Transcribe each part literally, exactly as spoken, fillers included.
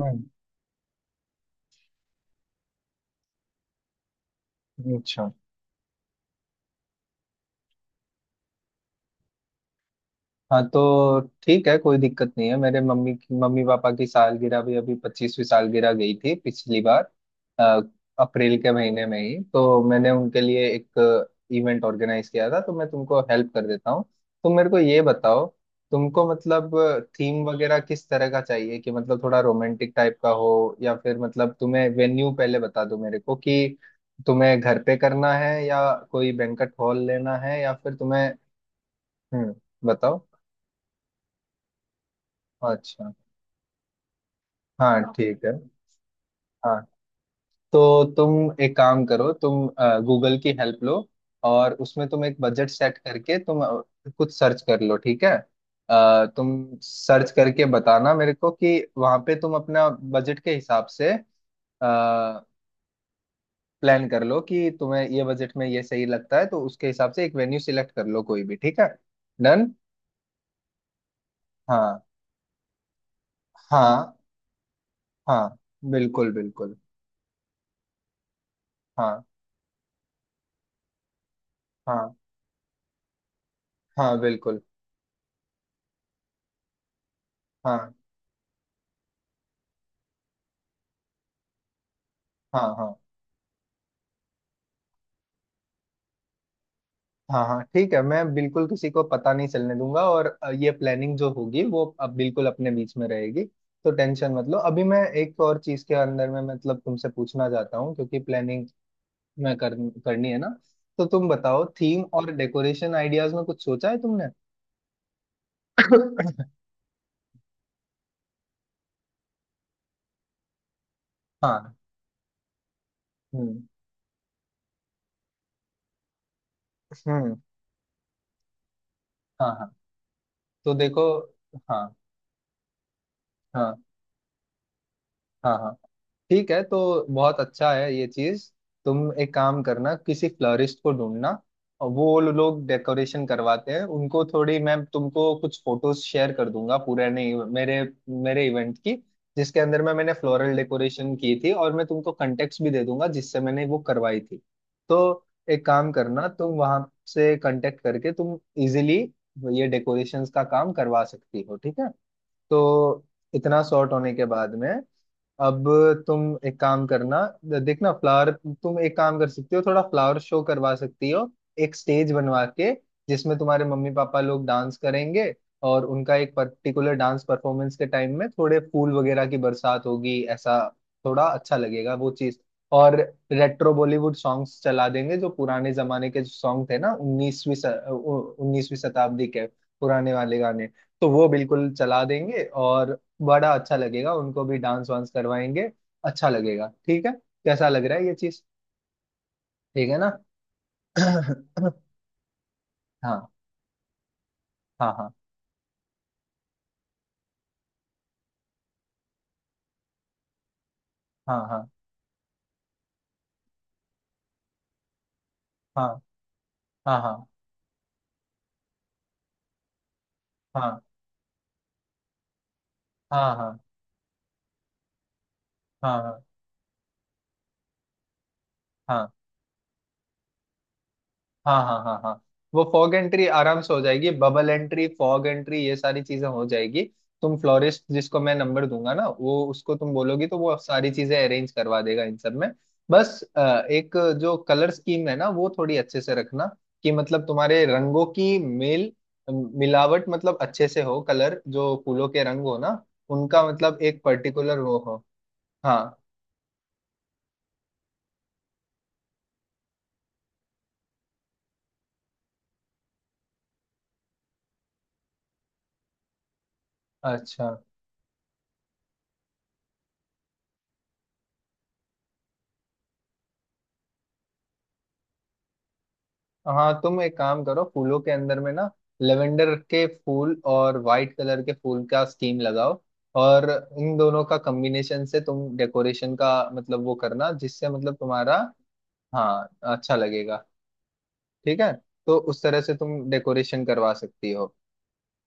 हम्म, अच्छा। हाँ तो ठीक है, कोई दिक्कत नहीं है। मेरे मम्मी की मम्मी पापा की सालगिरह भी अभी पच्चीसवीं सालगिरह गई थी पिछली बार। अ, अप्रैल के महीने में ही तो मैंने उनके लिए एक इवेंट ऑर्गेनाइज किया था। तो मैं तुमको हेल्प कर देता हूँ। तुम मेरे को ये बताओ, तुमको मतलब थीम वगैरह किस तरह का चाहिए कि, मतलब थोड़ा रोमांटिक टाइप का हो या फिर, मतलब तुम्हें वेन्यू पहले बता दो मेरे को कि तुम्हें घर पे करना है या कोई बैंकट हॉल लेना है या फिर तुम्हें। हम्म, बताओ। अच्छा। हाँ बताओ, ठीक है। हाँ तो तुम एक काम करो, तुम गूगल की हेल्प लो और उसमें तुम एक बजट सेट करके तुम अ, कुछ सर्च कर लो, ठीक है। अ, तुम सर्च करके बताना मेरे को कि वहाँ पे तुम अपना बजट के हिसाब से प्लान कर लो कि तुम्हें ये बजट में ये सही लगता है तो उसके हिसाब से एक वेन्यू सिलेक्ट कर लो कोई भी, ठीक है। डन। हाँ, हाँ, हाँ। बिल्कुल बिल्कुल। हाँ। हाँ हाँ बिल्कुल। हाँ, हाँ, हाँ, हाँ, हाँ, ठीक है। मैं बिल्कुल किसी को पता नहीं चलने दूंगा और अ, ये प्लानिंग जो होगी वो अब बिल्कुल अपने बीच में रहेगी। तो टेंशन मत लो। अभी मैं एक और चीज के अंदर में, मतलब तुमसे पूछना चाहता हूँ, क्योंकि प्लानिंग मैं कर, करनी है ना। तो तुम बताओ, थीम और डेकोरेशन आइडियाज में कुछ सोचा है तुमने? हाँ। हम्म। हम्म। हाँ हाँ तो देखो। हाँ हाँ हाँ हाँ ठीक है तो बहुत अच्छा है ये चीज। तुम एक काम करना, किसी फ्लोरिस्ट को ढूंढना और वो लो- लोग डेकोरेशन करवाते हैं उनको। थोड़ी मैं तुमको कुछ फोटोज शेयर कर दूंगा, पूरे नहीं, मेरे मेरे इवेंट की जिसके अंदर में मैंने फ्लोरल डेकोरेशन की थी। और मैं तुमको कंटेक्ट भी दे दूंगा जिससे मैंने वो करवाई थी। तो एक काम करना, तुम वहां से कांटेक्ट करके तुम इजिली ये डेकोरेशंस का काम करवा सकती हो, ठीक है। तो इतना सॉर्ट होने के बाद में अब तुम एक काम करना, देखना फ्लावर, तुम एक काम कर सकती हो, थोड़ा फ्लावर शो करवा सकती हो एक स्टेज बनवा के, जिसमें तुम्हारे मम्मी पापा लोग डांस करेंगे। और उनका एक पर्टिकुलर डांस परफॉर्मेंस के टाइम में थोड़े फूल वगैरह की बरसात होगी, ऐसा। थोड़ा अच्छा लगेगा वो चीज। और रेट्रो बॉलीवुड सॉन्ग्स चला देंगे जो पुराने जमाने के सॉन्ग थे ना, उन्नीसवीं उन्नीसवीं शताब्दी के पुराने वाले गाने, तो वो बिल्कुल चला देंगे। और बड़ा अच्छा लगेगा, उनको भी डांस वांस करवाएंगे, अच्छा लगेगा, ठीक है। कैसा लग रहा है ये चीज, ठीक है ना? हाँ हाँ हाँ हाँ। हाँ हाँ। हाँ। हाँ हाँ हाँ हाँ। हाँ हाँ। हाँ। हाँ हाँ हाँ हाँ। वो फॉग एंट्री आराम से हो जाएगी। बबल एंट्री, फॉग एंट्री, ये सारी चीजें हो जाएगी। तुम फ्लोरिस्ट जिसको मैं नंबर दूंगा ना, वो उसको तुम बोलोगी तो वो सारी चीजें अरेंज करवा देगा इन सब में। बस अ, एक जो कलर स्कीम है ना, वो थोड़ी अच्छे से रखना, कि मतलब तुम्हारे रंगों की मेल मिलावट मतलब अच्छे से हो। कलर जो फूलों के रंग हो ना, उनका मतलब एक पर्टिकुलर वो हो। हाँ। अच्छा। हाँ तुम एक काम करो, फूलों के अंदर में ना लेवेंडर के फूल और वाइट कलर के फूल का स्कीम लगाओ। और इन दोनों का कॉम्बिनेशन से तुम डेकोरेशन का मतलब वो करना जिससे मतलब तुम्हारा। हाँ। अच्छा लगेगा, ठीक है। तो उस तरह से तुम डेकोरेशन करवा सकती हो।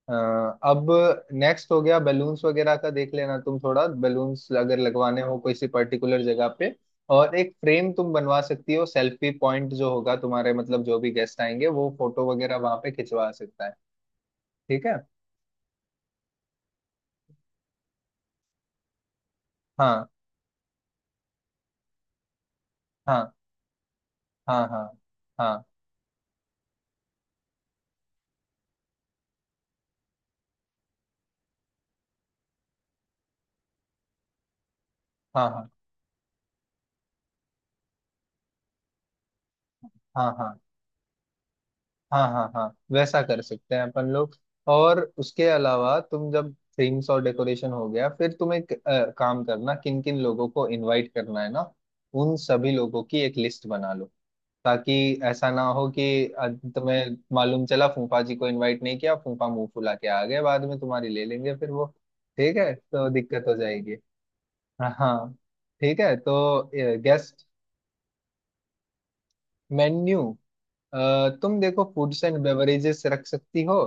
हाँ, अब नेक्स्ट हो गया बैलून्स वगैरह का। देख लेना तुम थोड़ा बैलून्स अगर लगवाने हो किसी पर्टिकुलर जगह पे। और एक फ्रेम तुम बनवा सकती हो, सेल्फी पॉइंट जो होगा तुम्हारे, मतलब जो भी गेस्ट आएंगे वो फोटो वगैरह वहां पे खिंचवा सकता है, ठीक है। हाँ। हाँ हाँ। हाँ। हाँ हाँ। हाँ। हाँ हाँ। हाँ, हाँ, हाँ, हाँ, वैसा कर सकते हैं अपन लोग। और उसके अलावा तुम जब थीम्स और डेकोरेशन हो गया, फिर तुम एक अ, काम करना, किन किन लोगों को इनवाइट करना है ना, उन सभी लोगों की एक लिस्ट बना लो। ताकि ऐसा ना हो कि अ, तुम्हें मालूम चला फूफा जी को इनवाइट नहीं किया, फूफा मुंह फुला के आ गए बाद में, तुम्हारी ले लेंगे फिर वो, ठीक है, तो दिक्कत हो जाएगी। हाँ ठीक है तो, गेस्ट, मेन्यू, अ, तुम देखो फूड्स एंड बेवरेजेस रख सकती हो।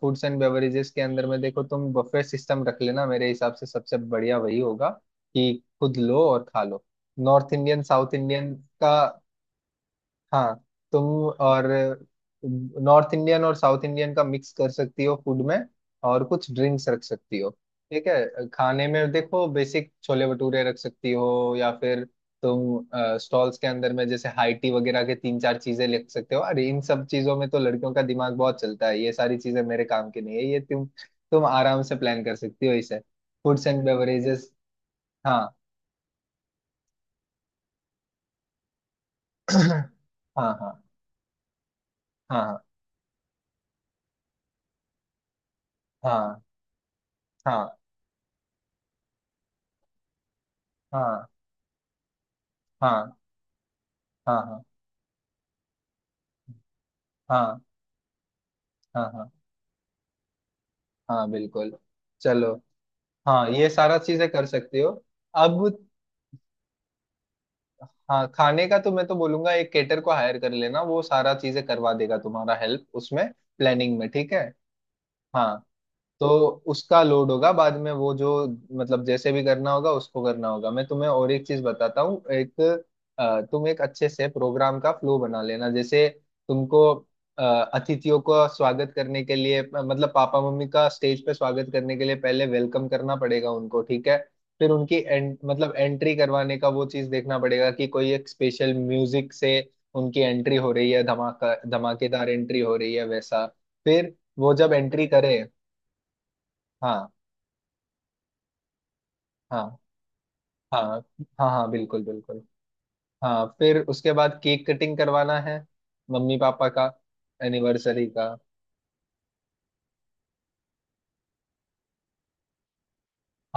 फूड्स एंड बेवरेजेस के अंदर में देखो तुम बफे सिस्टम रख लेना, मेरे हिसाब से सबसे बढ़िया वही होगा कि खुद लो और खा लो। नॉर्थ इंडियन, साउथ इंडियन का। हाँ। तुम और नॉर्थ इंडियन और साउथ इंडियन का मिक्स कर सकती हो फूड में, और कुछ ड्रिंक्स रख सकती हो, ठीक है। खाने में देखो बेसिक छोले भटूरे रख सकती हो या फिर तुम स्टॉल्स के अंदर में जैसे हाई टी वगैरह के तीन चार चीजें लिख सकते हो। और इन सब चीजों में तो लड़कियों का दिमाग बहुत चलता है, ये सारी चीजें मेरे काम की नहीं है, ये तुम तुम आराम से प्लान कर सकती हो इसे, फूड्स एंड बेवरेजेस। हाँ। हाँ हाँ। हाँ। हाँ हाँ। हाँ। हाँ हाँ। हाँ हाँ। हाँ हाँ। हाँ बिल्कुल, चलो। हाँ ये सारा चीजें कर सकते हो। अब हाँ खाने का तो मैं तो बोलूंगा एक केटर को हायर कर लेना, वो सारा चीजें करवा देगा, तुम्हारा हेल्प उसमें प्लानिंग में, ठीक है। हाँ तो उसका लोड होगा बाद में, वो जो, मतलब जैसे भी करना होगा उसको करना होगा। मैं तुम्हें और एक चीज बताता हूँ, एक अ, तुम एक अच्छे से प्रोग्राम का फ्लो बना लेना। जैसे तुमको अ, अतिथियों को स्वागत करने के लिए, अ, मतलब पापा मम्मी का स्टेज पे स्वागत करने के लिए पहले वेलकम करना पड़ेगा उनको, ठीक है। फिर उनकी एं, मतलब एंट्री करवाने का वो चीज देखना पड़ेगा कि कोई एक स्पेशल म्यूजिक से उनकी एंट्री हो रही है, धमाका धमाकेदार एंट्री हो रही है, वैसा। फिर वो जब एंट्री करे। हाँ। हाँ हाँ। हाँ हाँ बिल्कुल बिल्कुल। हाँ फिर उसके बाद केक कटिंग करवाना है मम्मी पापा का, एनिवर्सरी का।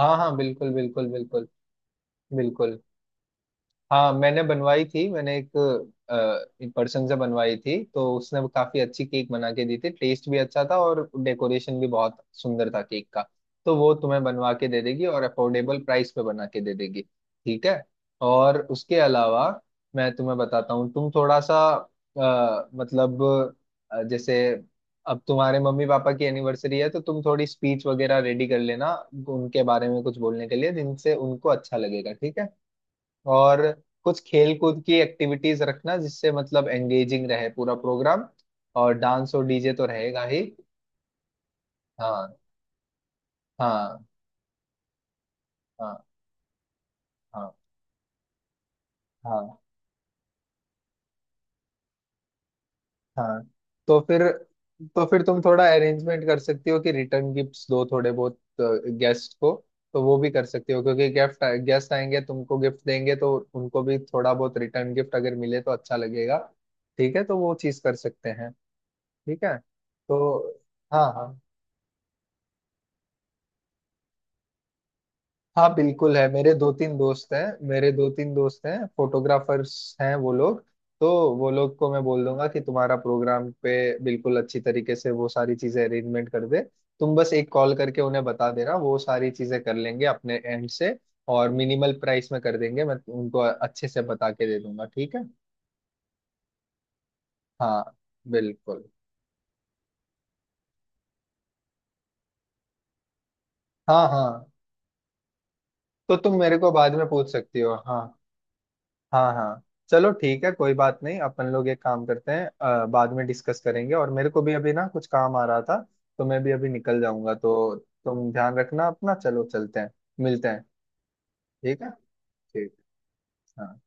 हाँ हाँ बिल्कुल बिल्कुल बिल्कुल। बिल्कुल। हाँ मैंने बनवाई थी, मैंने एक अ, एक पर्सन से बनवाई थी। तो उसने वो काफी अच्छी केक बना के दी थी, टेस्ट भी अच्छा था और डेकोरेशन भी बहुत सुंदर था केक का। तो वो तुम्हें बनवा के दे देगी और अफोर्डेबल प्राइस पे बना के दे देगी, ठीक है। और उसके अलावा मैं तुम्हें बताता हूँ, तुम थोड़ा सा अ, मतलब अ, जैसे अब तुम्हारे मम्मी पापा की एनिवर्सरी है तो तुम थोड़ी स्पीच वगैरह रेडी कर लेना उनके बारे में कुछ बोलने के लिए, जिनसे उनको अच्छा लगेगा, ठीक है। और कुछ खेल कूद की एक्टिविटीज रखना जिससे मतलब एंगेजिंग रहे पूरा प्रोग्राम। और डांस और डीजे तो रहेगा ही। हाँ। हाँ हाँ। हाँ हाँ हाँ। तो फिर, तो फिर तुम थोड़ा अरेंजमेंट कर सकती हो कि रिटर्न गिफ्ट्स दो थोड़े बहुत गेस्ट को। तो वो भी कर सकती हो, क्योंकि गिफ्ट गेस्ट आएंगे तुमको गिफ्ट देंगे तो उनको भी थोड़ा बहुत रिटर्न गिफ्ट अगर मिले तो अच्छा लगेगा, ठीक है, तो वो चीज कर सकते हैं। ठीक है तो, हाँ हाँ। हाँ बिल्कुल है, मेरे दो तीन दोस्त हैं, मेरे दो तीन दोस्त हैं फोटोग्राफर्स हैं वो लोग। तो वो लोग को मैं बोल दूंगा कि तुम्हारा प्रोग्राम पे बिल्कुल अच्छी तरीके से वो सारी चीजें अरेंजमेंट कर दे। तुम बस एक कॉल करके उन्हें बता देना, वो सारी चीजें कर लेंगे अपने एंड से। और मिनिमल प्राइस में कर देंगे, मैं उनको अच्छे से बता के दे दूंगा, ठीक है। हाँ बिल्कुल। हाँ हाँ तो तुम मेरे को बाद में पूछ सकती हो, हाँ। हाँ हाँ। चलो ठीक है, कोई बात नहीं, अपन लोग एक काम करते हैं, अ, बाद में डिस्कस करेंगे। और मेरे को भी अभी ना कुछ काम आ रहा था, तो मैं भी अभी निकल जाऊंगा। तो तुम ध्यान रखना अपना, चलो चलते हैं, मिलते हैं। ठीक है। ठीक। हाँ।